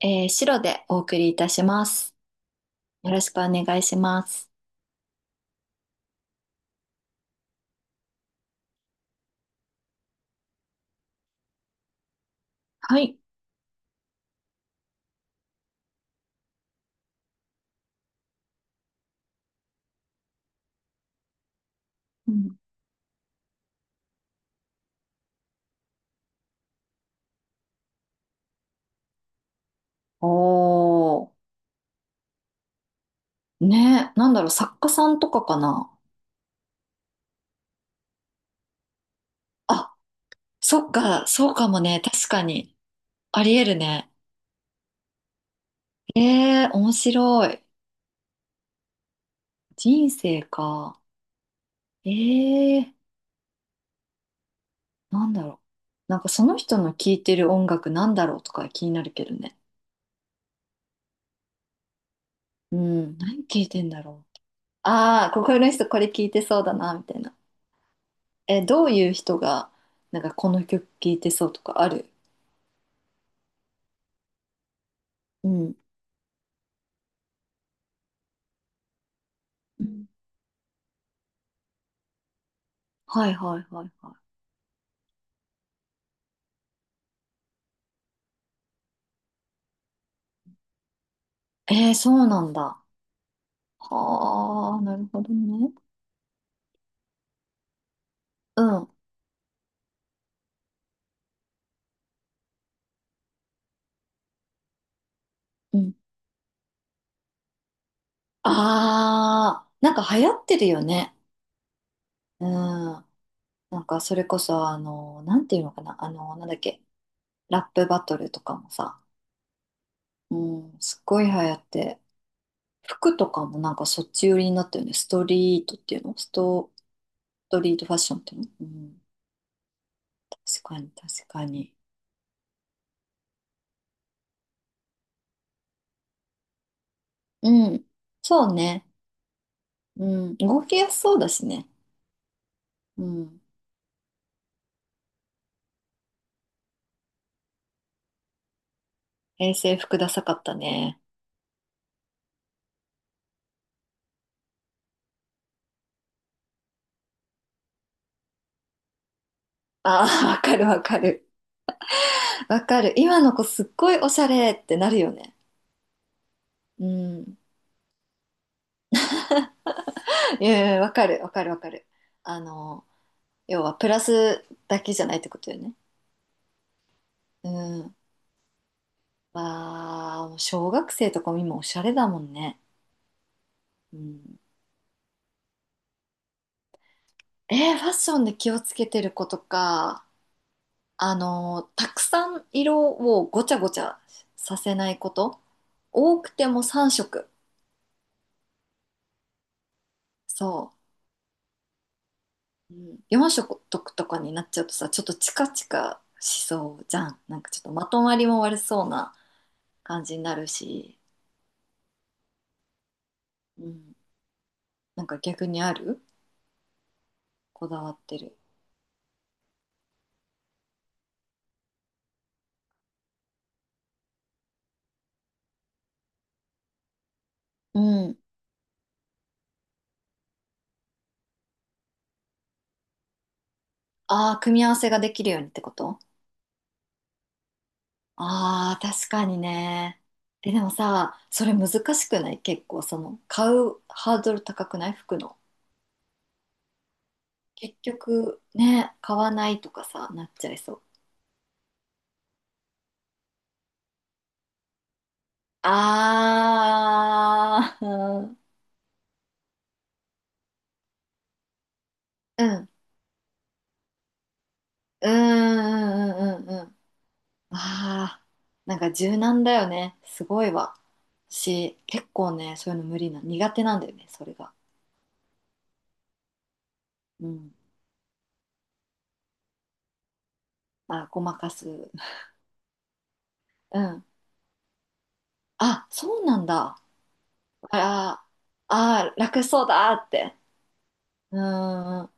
白でお送りいたします。よろしくお願いします。はい。うん。おー。ね、なんだろう、作家さんとかかな。あ、そっか、そうかもね、確かに。ありえるね。えー、面白い。人生か。えー、なんだろなんかその人の聴いてる音楽なんだろうとか気になるけどね。うん、何聴いてんだろう。ああ、ここの人これ聴いてそうだな、みたいな。え、どういう人が、なんかこの曲聴いてそうとかある？うん。うん。はいはいはいはい。えー、そうなんだ。はあ、なるほどね。うん、うん。ああ、なんか流行ってるよね。うん。なんかそれこそ、なんていうのかな。なんだっけ。ラップバトルとかもさ。うん、すっごい流行って。服とかもなんかそっち寄りになったよね。ストリートっていうのスト、ストリートファッションっていうの。うん、確かに確かに。うん。そうね。うん。動きやすそうだしね。うん。平成服ダサかったね。ああ、わかるわかる。わかる。今の子すっごいおしゃれってなるよね。うん。いやいや、わかるわかるわかる。あの、要はプラスだけじゃないってことよね。うん。わあ、もう小学生とかも今おしゃれだもんね。うん。えー、ファッションで気をつけてる子とか。たくさん色をごちゃごちゃさせないこと。多くても3色。そう。うん、4色とかになっちゃうとさ、ちょっとチカチカしそうじゃん。なんかちょっとまとまりも悪そうな感じになるし。うん。なんか逆にある？こだわってる。うん。ああ、組み合わせができるようにってこと？ああー、確かにね。え、でもさ、それ難しくない？結構、その、買うハードル高くない？服の。結局ね、買わないとかさ、なっちゃいそう。あー、うん、うん、うん、うん、うん。あー、なんか柔軟だよね。すごいわ。私、結構ね、そういうの無理な、苦手なんだよね、それが。うん。あ、ごまかす。うん。あ、そうなんだ。あら。あー、楽そうだって。うん、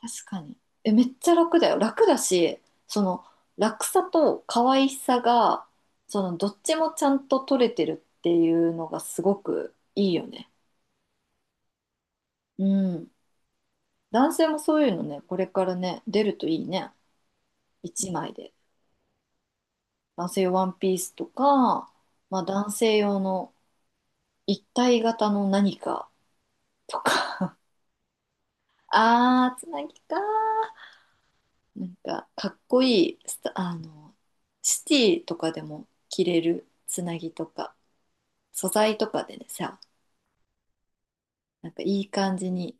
確かに。え、めっちゃ楽だよ。楽だし、その楽さと可愛さが、そのどっちもちゃんと取れてるっていうのがすごくいいよね。うん。男性もそういうのね、これからね、出るといいね。一枚で。男性用ワンピースとか、まあ男性用の一体型の何かとか。あー、つなぎかー。なんかかっこいいスタシティとかでも着れるつなぎとか素材とかでねさ、なんかいい感じに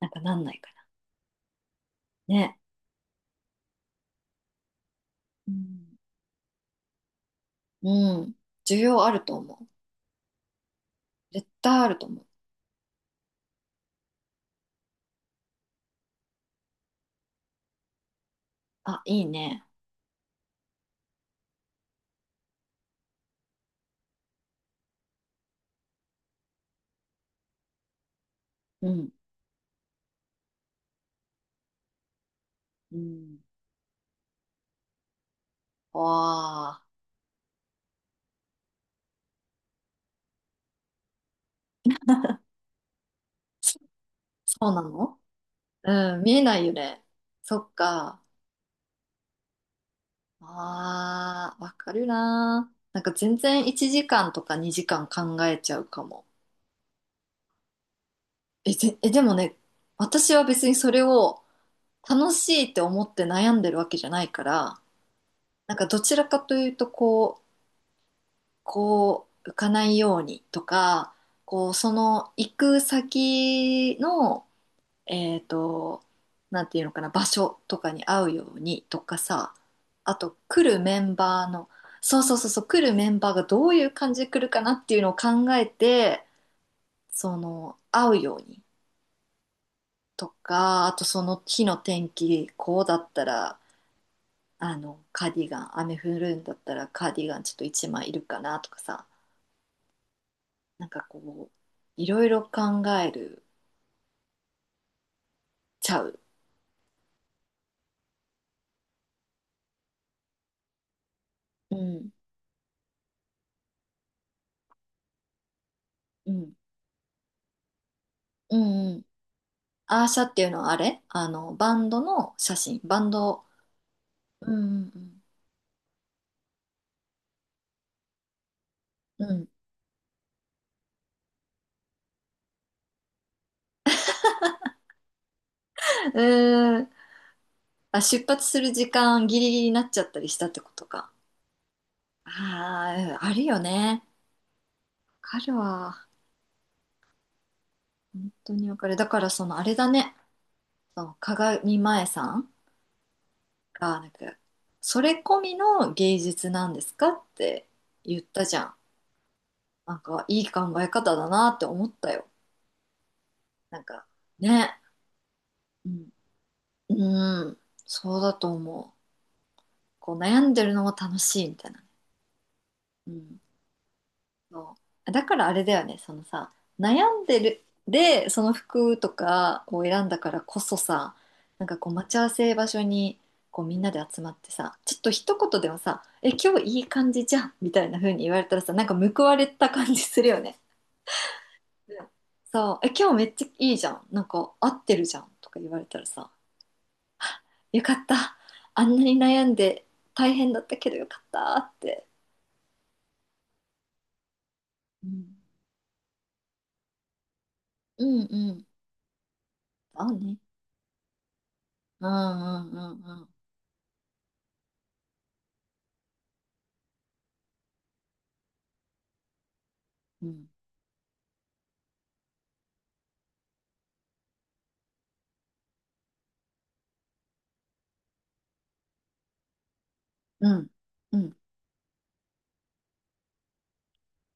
なんかなんないかな。ね。うん、うん、需要あると思う。絶対あると思う。あ、いいね。うん、うん。わあ。そ、そうなの。うん、見えないよね。そっか。ああ、わかるな。なんか全然1時間とか2時間考えちゃうかも。え、ぜ、え、でもね、私は別にそれを楽しいって思って悩んでるわけじゃないから、なんかどちらかというと、こう、浮かないようにとか、こう、その行く先の、えっと、なんていうのかな、場所とかに合うようにとかさ、あと来るメンバーの、そうそうそうそう、来るメンバーがどういう感じで来るかなっていうのを考えて、その、合うように。とか、あとその日の天気、こうだったら、あの、カーディガン、雨降るんだったらカーディガンちょっと一枚いるかなとかさ、なんかこう、いろいろ考えるちゃう。うん、うん、うん、うん。アーシャっていうのはあれ、あの、バンドの写真、バンド、うん、うん、うん。うん、うーん。あ、出発する時間ギリギリになっちゃったりしたってことか。ああ、うん、あるよね。わかるわ。本当にわかる。だからそのあれだね。そう、鏡前さんが、なんか、それ込みの芸術なんですかって言ったじゃん。なんか、いい考え方だなって思ったよ。なんか、ね。うん、うん、そうだと思う。こう、悩んでるのも楽しいみたいなね。うん。そうだからあれだよね、そのさ、悩んでるでその服とかを選んだからこそさ、なんかこう待ち合わせ場所にこうみんなで集まってさ、ちょっと一言でもさ「え、今日いい感じじゃん」みたいな風に言われたらさ、なんか報われた感じするよね。うん。そう、「え、今日めっちゃいいじゃん、なんか合ってるじゃん」とか言われたらさ、「よかった、あんなに悩んで大変だったけど、よかった」って。うんうんうん。合うね。うんうんうんうん。うんうん。うん。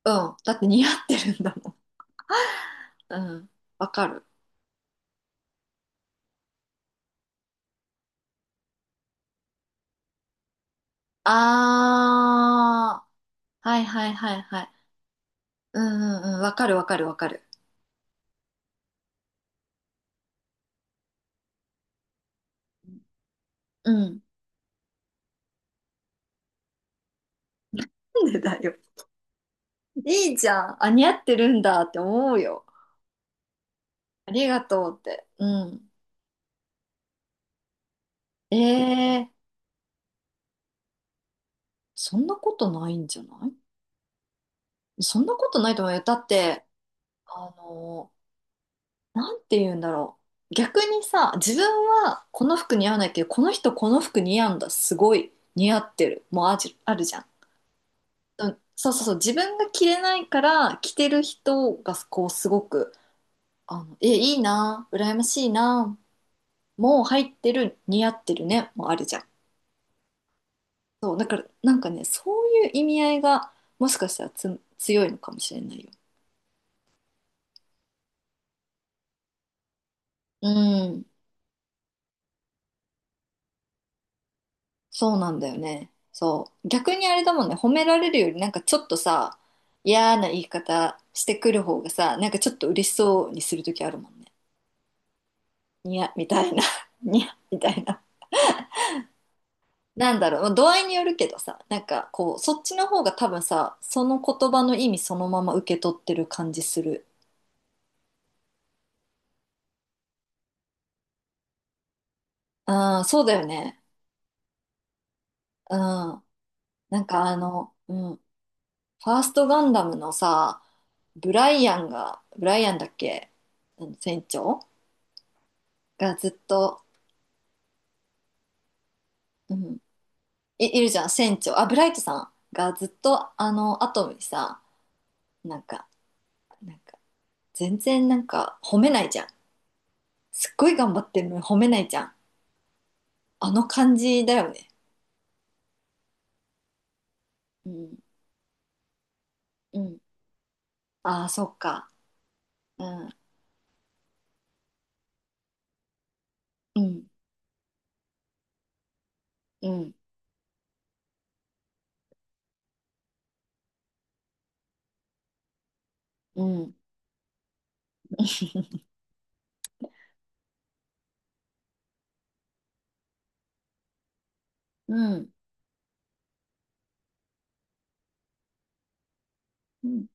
うん。だって似合ってるんだもん。うん。わかる。あー。はいはいはいはい。うんうんうん。わかるわかるわかる。うん。なんでだよ。いいじゃん。あ、似合ってるんだって思うよ。ありがとうって。うん。えー、そんなことないんじゃない？そんなことないと思うよ。だって、あのなんて言うんだろう。逆にさ、自分はこの服似合わないけど、この人この服似合うんだ。すごい似合ってる。もうあじ、あるじゃん。うん、そうそうそう。自分が着れないから、着てる人がこうすごく、あの、え、いいな、羨ましいな、もう入ってる、似合ってるね、もうあるじゃん。そう、だから、なんかね、そういう意味合いが、もしかしたら強いのかもしれないよ。うん。そうなんだよね。そう。逆にあれだもんね、褒められるよりなんかちょっとさ、嫌な言い方してくる方がさ、なんかちょっと嬉しそうにするときあるもんね。にや、みたいな。にや、みたいな。なんだろう、まあ度合いによるけどさ、なんかこう、そっちの方が多分さ、その言葉の意味そのまま受け取ってる感じする。うん、そうだよね。うん。なんかあの、うん。ファーストガンダムのさ、ブライアンが、ブライアンだっけ？あの船長がずっと、うん、い、いるじゃん、船長。あ、ブライトさんがずっとあのアトムにさ、なんか、なんか、全然なんか褒めないじゃん。すっごい頑張ってるのに褒めないじゃん。あの感じだよね。うん、うん。ああ、そっか。うん、うん、うん、うん、うん。うん